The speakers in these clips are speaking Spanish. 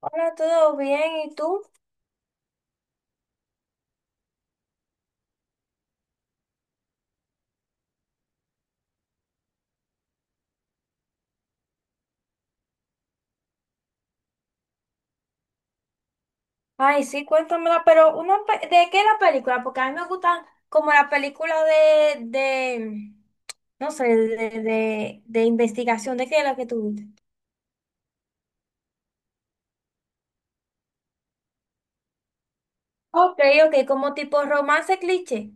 Hola, ¿todo bien? ¿Y tú? Ay, sí, cuéntamela, pero una pe- ¿de qué la película? Porque a mí me gustan como la película de no sé, de investigación, ¿de qué es la que tú viste? Ok, ok, como tipo romance cliché.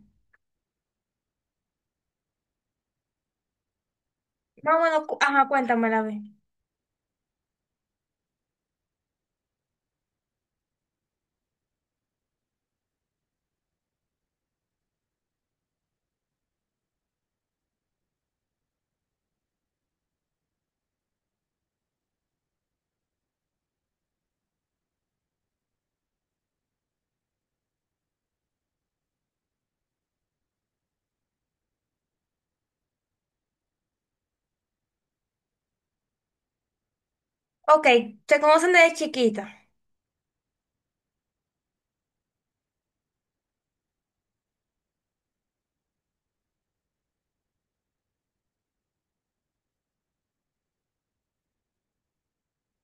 Más o menos, cu- ajá, cuéntamela, a ver. Ok, se conocen desde chiquita.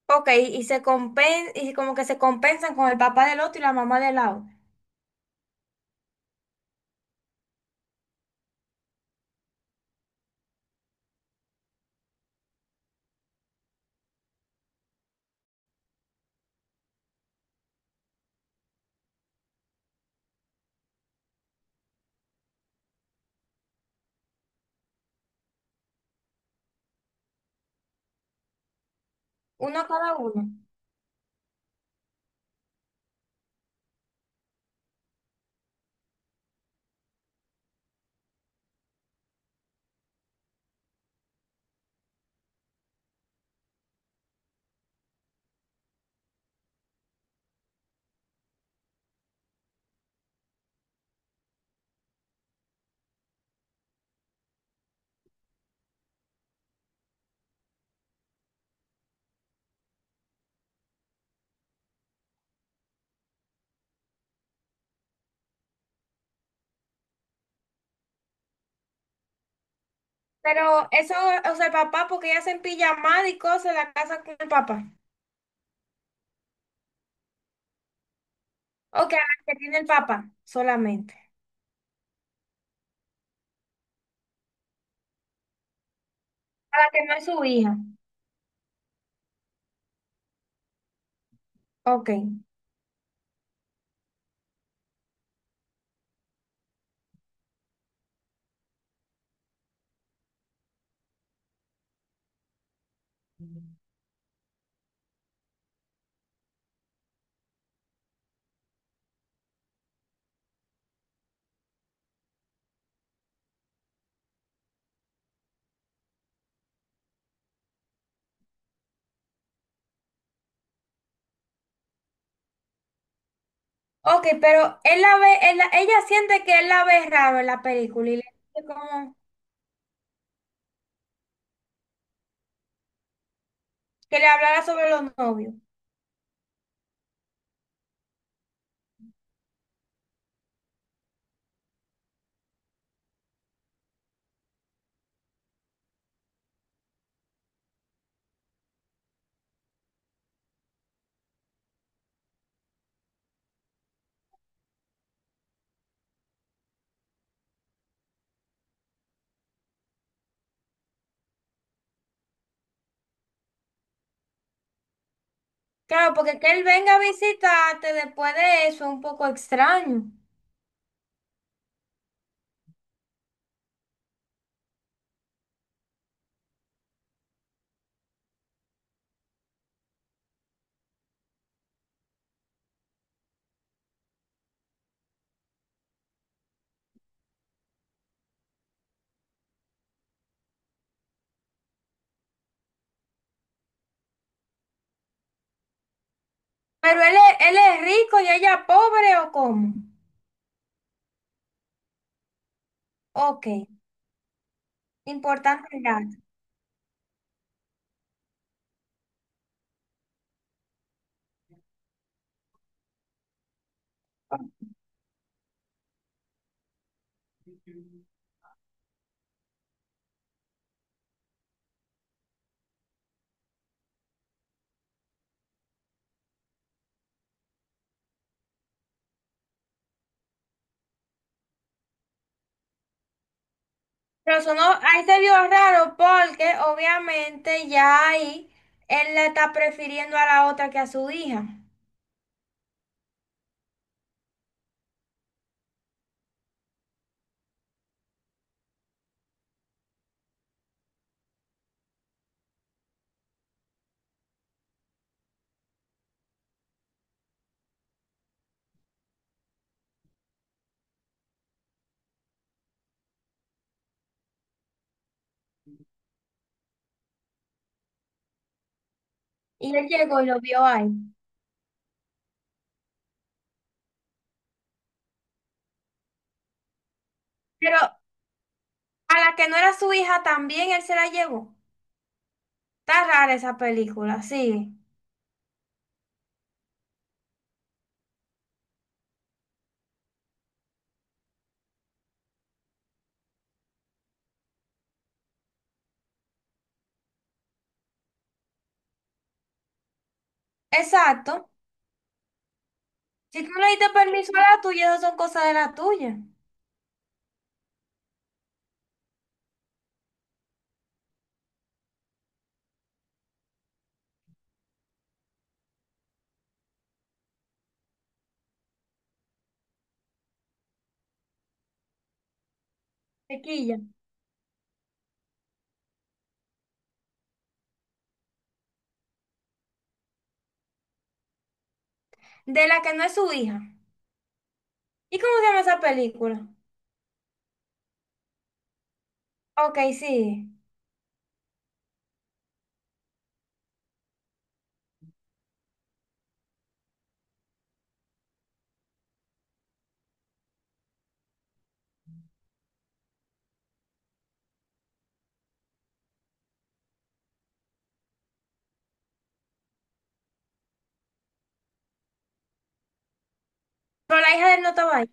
Ok, y como que se compensan con el papá del otro y la mamá del lado. Uno cada uno. Pero eso, o sea, el papá, porque ella se empilla mal y cosas, la casa con el papá. Ok, a la que tiene el papá solamente. A la que no es su hija. Ok. Ok, pero él la ve, él la- ella siente que él la ve raro en la película y le dice como que le hablara sobre los novios. Claro, porque que él venga a visitarte después de eso es un poco extraño. Pero él es rico y ella pobre o cómo. Ok, importante el dato. Pero eso no, ahí se vio raro porque obviamente ya ahí él la está prefiriendo a la otra que a su hija. Y él llegó y lo vio ahí. Pero a la que no era su hija también él se la llevó. Está rara esa película, sigue. Exacto. Si tú no le diste permiso a la tuya, eso son cosas de la tuya. Chiquilla. De la que no es su hija. ¿Y cómo se llama esa película? Ok, sigue. Pero la hija de él no estaba ahí.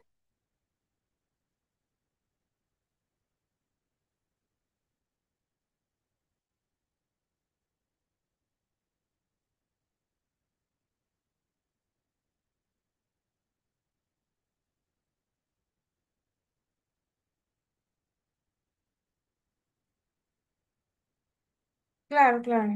Claro, claro.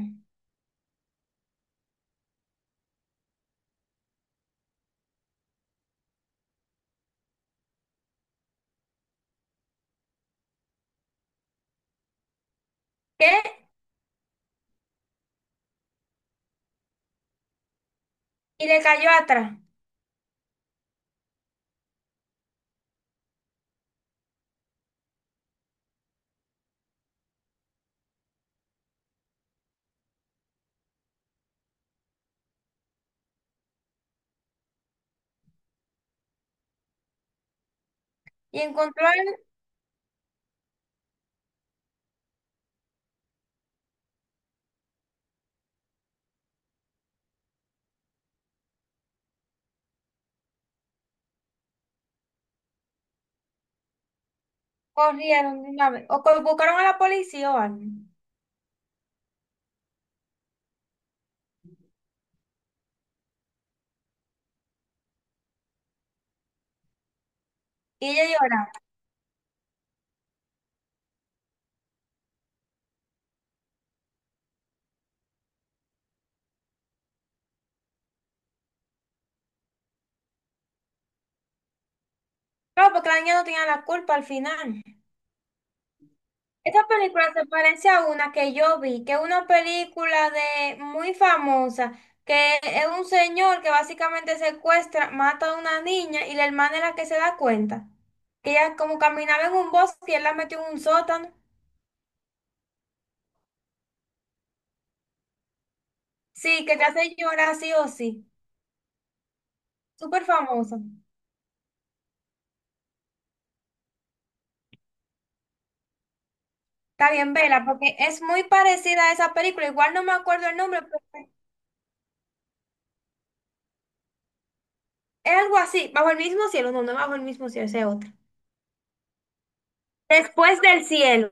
¿Qué? Y le cayó atrás. Y encontró al... Corrieron de una vez. O co- buscaron a la policía o algo. Y ella lloraba. Claro, porque la niña no tenía la culpa al final. Esta película se parece a una que yo vi, que es una película de muy famosa, que es un señor que básicamente secuestra, mata a una niña y la hermana es la que se da cuenta. Que ella como caminaba en un bosque y él la metió en un sótano. Sí, que te hace llorar sí o sí. Súper famosa. Está bien, vela, porque es muy parecida a esa película. Igual no me acuerdo el nombre, pero es algo así. Bajo el mismo cielo, no, no es bajo el mismo cielo, ese es otro. Después del cielo.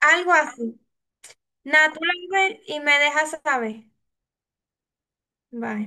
Algo así. Natural y me dejas saber. Bye.